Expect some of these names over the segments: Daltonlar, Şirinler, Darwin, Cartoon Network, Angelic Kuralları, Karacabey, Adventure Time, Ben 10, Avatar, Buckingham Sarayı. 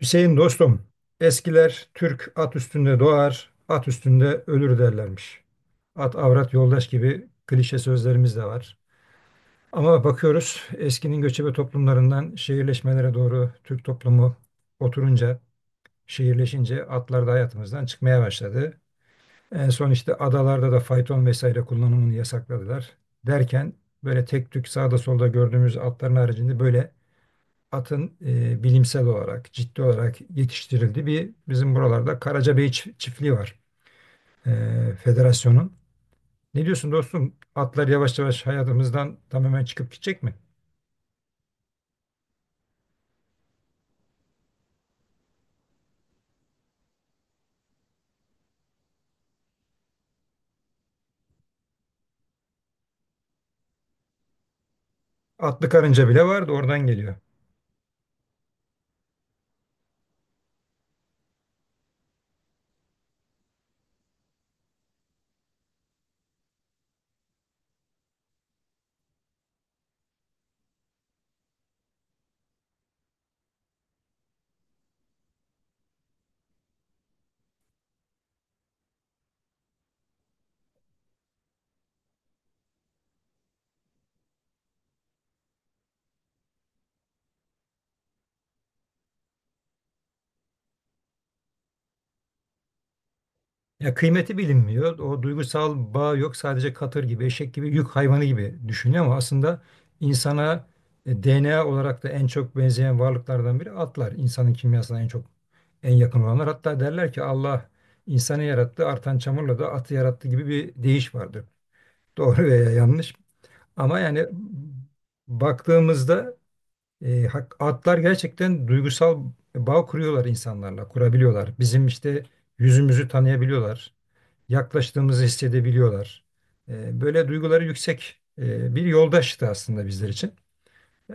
Hüseyin dostum, eskiler Türk at üstünde doğar, at üstünde ölür derlermiş. At avrat yoldaş gibi klişe sözlerimiz de var. Ama bakıyoruz eskinin göçebe toplumlarından şehirleşmelere doğru Türk toplumu oturunca, şehirleşince atlar da hayatımızdan çıkmaya başladı. En son işte adalarda da fayton vesaire kullanımını yasakladılar. Derken böyle tek tük sağda solda gördüğümüz atların haricinde böyle atın bilimsel olarak, ciddi olarak yetiştirildiği bir bizim buralarda Karacabey çiftliği var. Federasyonun. Ne diyorsun dostum? Atlar yavaş yavaş hayatımızdan tamamen çıkıp gidecek mi? Atlı karınca bile vardı oradan geliyor. Ya kıymeti bilinmiyor. O duygusal bağ yok. Sadece katır gibi, eşek gibi, yük hayvanı gibi düşünüyor ama aslında insana DNA olarak da en çok benzeyen varlıklardan biri atlar. İnsanın kimyasına en yakın olanlar. Hatta derler ki Allah insanı yarattı, artan çamurla da atı yarattı gibi bir deyiş vardır. Doğru veya yanlış. Ama yani baktığımızda atlar gerçekten duygusal bağ kuruyorlar insanlarla, kurabiliyorlar. Bizim işte yüzümüzü tanıyabiliyorlar, yaklaştığımızı hissedebiliyorlar. Böyle duyguları yüksek bir yoldaştı aslında bizler için.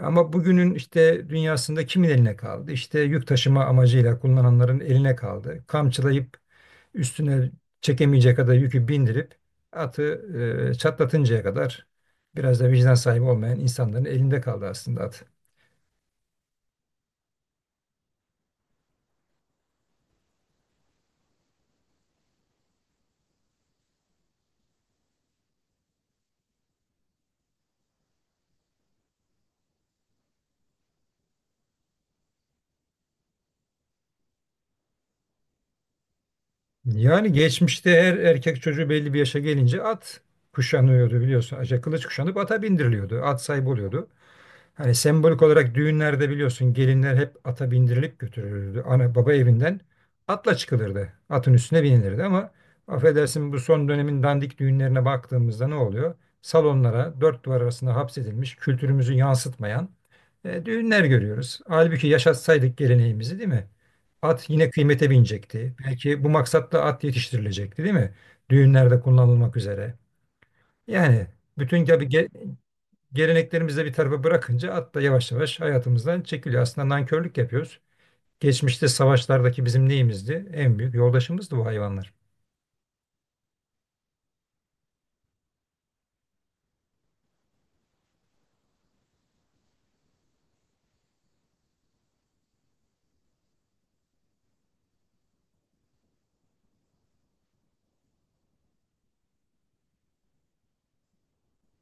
Ama bugünün işte dünyasında kimin eline kaldı? İşte yük taşıma amacıyla kullananların eline kaldı. Kamçılayıp üstüne çekemeyecek kadar yükü bindirip atı çatlatıncaya kadar biraz da vicdan sahibi olmayan insanların elinde kaldı aslında at. Yani geçmişte her erkek çocuğu belli bir yaşa gelince at kuşanıyordu biliyorsun. Aca kılıç kuşanıp ata bindiriliyordu. At sahibi oluyordu. Hani sembolik olarak düğünlerde biliyorsun gelinler hep ata bindirilip götürülürdü. Ana baba evinden atla çıkılırdı. Atın üstüne binilirdi ama affedersin bu son dönemin dandik düğünlerine baktığımızda ne oluyor? Salonlara dört duvar arasında hapsedilmiş kültürümüzü yansıtmayan düğünler görüyoruz. Halbuki yaşatsaydık geleneğimizi değil mi? At yine kıymete binecekti. Belki bu maksatla at yetiştirilecekti değil mi? Düğünlerde kullanılmak üzere. Yani bütün tabii geleneklerimizi de bir tarafa bırakınca at da yavaş yavaş hayatımızdan çekiliyor. Aslında nankörlük yapıyoruz. Geçmişte savaşlardaki bizim neyimizdi? En büyük yoldaşımızdı bu hayvanlar.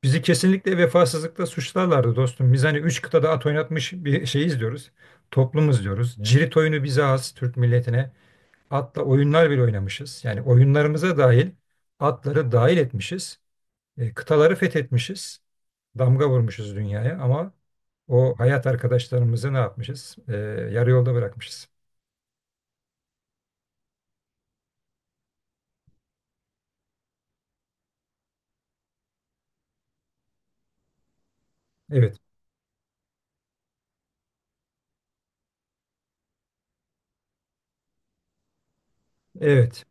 Bizi kesinlikle vefasızlıkla suçlarlardı dostum. Biz hani üç kıtada at oynatmış bir şeyiz diyoruz. Toplumuz diyoruz. Cirit oyunu bize has Türk milletine. Atla oyunlar bile oynamışız. Yani oyunlarımıza dahil atları dahil etmişiz. Kıtaları fethetmişiz. Damga vurmuşuz dünyaya ama o hayat arkadaşlarımızı ne yapmışız? Yarı yolda bırakmışız. Evet, evet.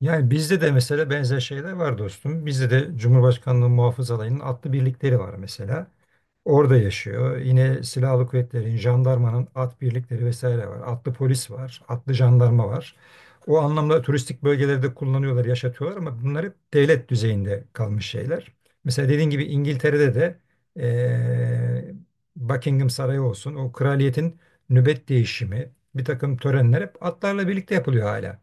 Yani bizde de mesela benzer şeyler var dostum. Bizde de Cumhurbaşkanlığı Muhafız Alayı'nın atlı birlikleri var mesela. Orada yaşıyor. Yine silahlı kuvvetlerin, jandarmanın at birlikleri vesaire var. Atlı polis var, atlı jandarma var. O anlamda turistik bölgelerde kullanıyorlar, yaşatıyorlar ama bunlar hep devlet düzeyinde kalmış şeyler. Mesela dediğin gibi İngiltere'de de eee, Buckingham Sarayı olsun, o kraliyetin nöbet değişimi, bir takım törenler hep atlarla birlikte yapılıyor hala.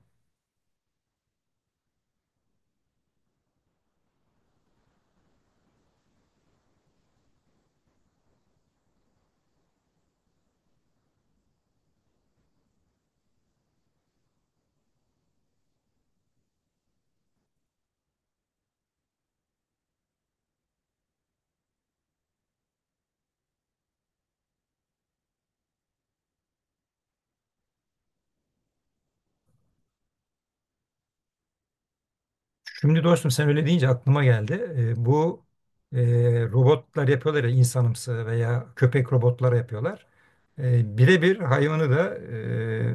Şimdi dostum sen öyle deyince aklıma geldi. Bu Robotlar yapıyorlar ya insanımsı veya köpek robotları yapıyorlar. Birebir hayvanı da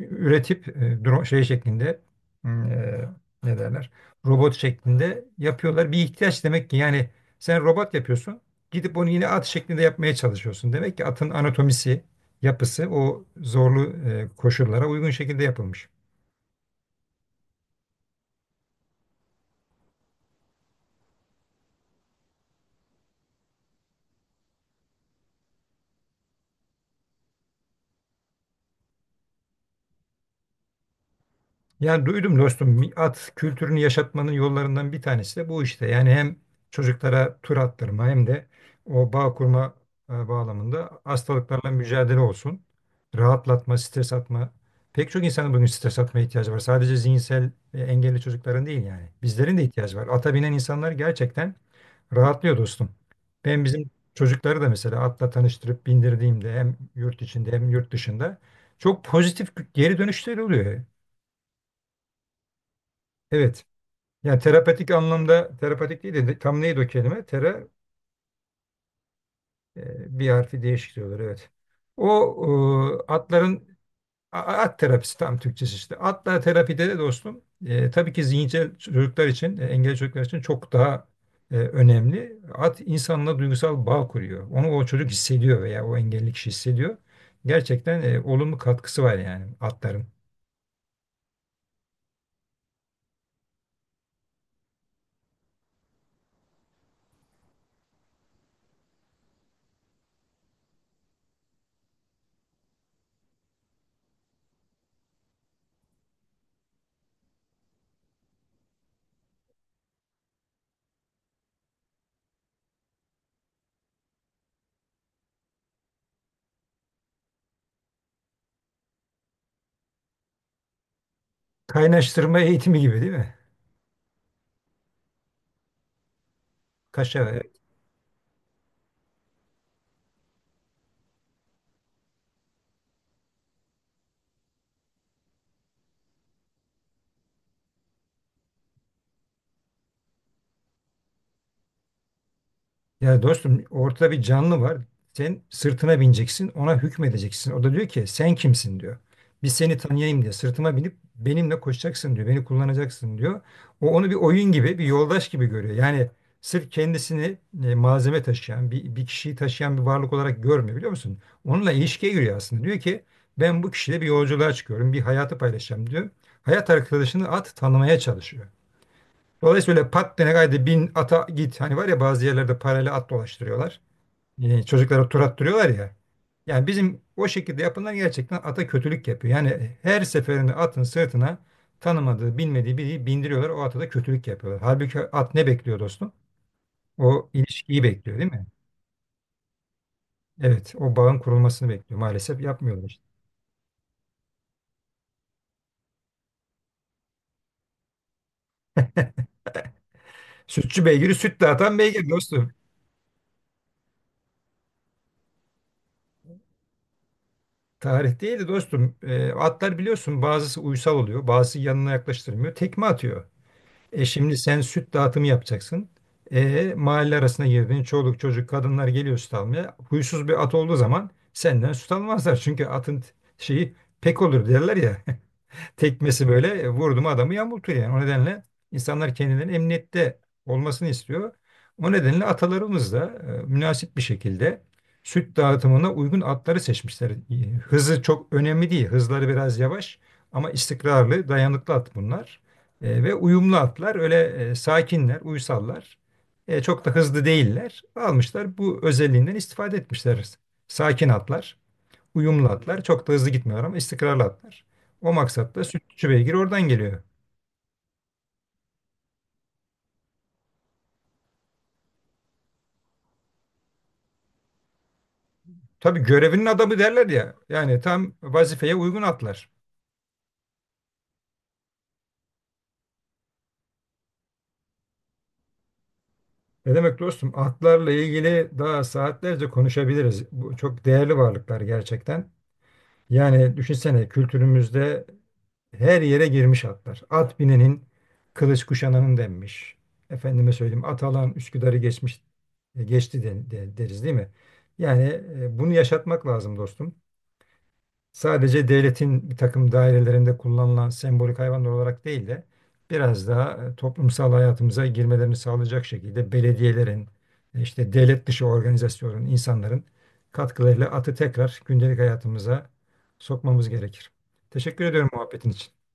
üretip drone şey şeklinde e, ne derler robot şeklinde yapıyorlar. Bir ihtiyaç demek ki yani sen robot yapıyorsun gidip onu yine at şeklinde yapmaya çalışıyorsun. Demek ki atın anatomisi yapısı o zorlu koşullara uygun şekilde yapılmış. Yani duydum dostum at kültürünü yaşatmanın yollarından bir tanesi de bu işte. Yani hem çocuklara tur attırma hem de o bağ kurma bağlamında hastalıklarla mücadele olsun. Rahatlatma, stres atma. Pek çok insanın bugün stres atma ihtiyacı var. Sadece zihinsel engelli çocukların değil yani. Bizlerin de ihtiyacı var. Ata binen insanlar gerçekten rahatlıyor dostum. Ben bizim çocukları da mesela atla tanıştırıp bindirdiğimde hem yurt içinde hem yurt dışında çok pozitif geri dönüşleri oluyor. Evet. Yani terapetik anlamda terapetik değil de tam neydi o kelime? Tera bir harfi değişik diyorlar evet. O atların at terapisi tam Türkçesi işte. Atla terapide de dostum tabii ki zihinsel çocuklar için engelli çocuklar için çok daha önemli. At insanla duygusal bağ kuruyor. Onu o çocuk hissediyor veya o engelli kişi hissediyor. Gerçekten olumlu katkısı var yani atların. Kaynaştırma eğitimi gibi değil mi? Kaşa ya dostum ortada bir canlı var. Sen sırtına bineceksin, ona hükmedeceksin. O da diyor ki sen kimsin diyor. Biz seni tanıyayım diye sırtıma binip benimle koşacaksın diyor. Beni kullanacaksın diyor. O onu bir oyun gibi, bir yoldaş gibi görüyor. Yani sırf kendisini malzeme taşıyan, bir kişiyi taşıyan bir varlık olarak görmüyor biliyor musun? Onunla ilişkiye giriyor aslında. Diyor ki ben bu kişiyle bir yolculuğa çıkıyorum, bir hayatı paylaşacağım diyor. Hayat arkadaşını at tanımaya çalışıyor. Dolayısıyla öyle pat dene gaydi bin ata git. Hani var ya bazı yerlerde paralel at dolaştırıyorlar. Çocuklara tur attırıyorlar ya. Yani bizim o şekilde yapılan gerçekten ata kötülük yapıyor. Yani her seferinde atın sırtına tanımadığı, bilmediği biri bindiriyorlar. O ata da kötülük yapıyorlar. Halbuki at ne bekliyor dostum? O ilişkiyi bekliyor değil mi? Evet, o bağın kurulmasını bekliyor. Maalesef yapmıyorlar işte. Sütçü beygiri süt dağıtan beygir dostum. Tarih değil de dostum. Atlar biliyorsun bazısı uysal oluyor, bazısı yanına yaklaştırmıyor. Tekme atıyor. E şimdi sen süt dağıtımı yapacaksın. E mahalle arasına girdin. Çoluk çocuk kadınlar geliyor süt almaya. Huysuz bir at olduğu zaman senden süt almazlar. Çünkü atın t- şeyi pek olur derler ya tekmesi böyle vurdu mu adamı yamultuyor yani. O nedenle insanlar kendilerinin emniyette olmasını istiyor. O nedenle atalarımız da münasip bir şekilde süt dağıtımına uygun atları seçmişler. E, hızı çok önemli değil. Hızları biraz yavaş ama istikrarlı, dayanıklı at bunlar. Ve uyumlu atlar öyle sakinler, uysallar. Çok da hızlı değiller. Almışlar bu özelliğinden istifade etmişler. Sakin atlar. Uyumlu atlar. Çok da hızlı gitmiyorlar ama istikrarlı atlar. O maksatla sütçü beygir oradan geliyor. Tabii görevinin adamı derler ya. Yani tam vazifeye uygun atlar. Ne demek dostum? Atlarla ilgili daha saatlerce konuşabiliriz. Bu çok değerli varlıklar gerçekten. Yani düşünsene kültürümüzde her yere girmiş atlar. At binenin kılıç kuşananın denmiş. Efendime söyleyeyim at alan Üsküdar'ı geçmiş geçti deriz değil mi? Yani bunu yaşatmak lazım dostum. Sadece devletin bir takım dairelerinde kullanılan sembolik hayvanlar olarak değil de biraz daha toplumsal hayatımıza girmelerini sağlayacak şekilde belediyelerin, işte devlet dışı organizasyonların, insanların katkılarıyla atı tekrar gündelik hayatımıza sokmamız gerekir. Teşekkür ediyorum muhabbetin için.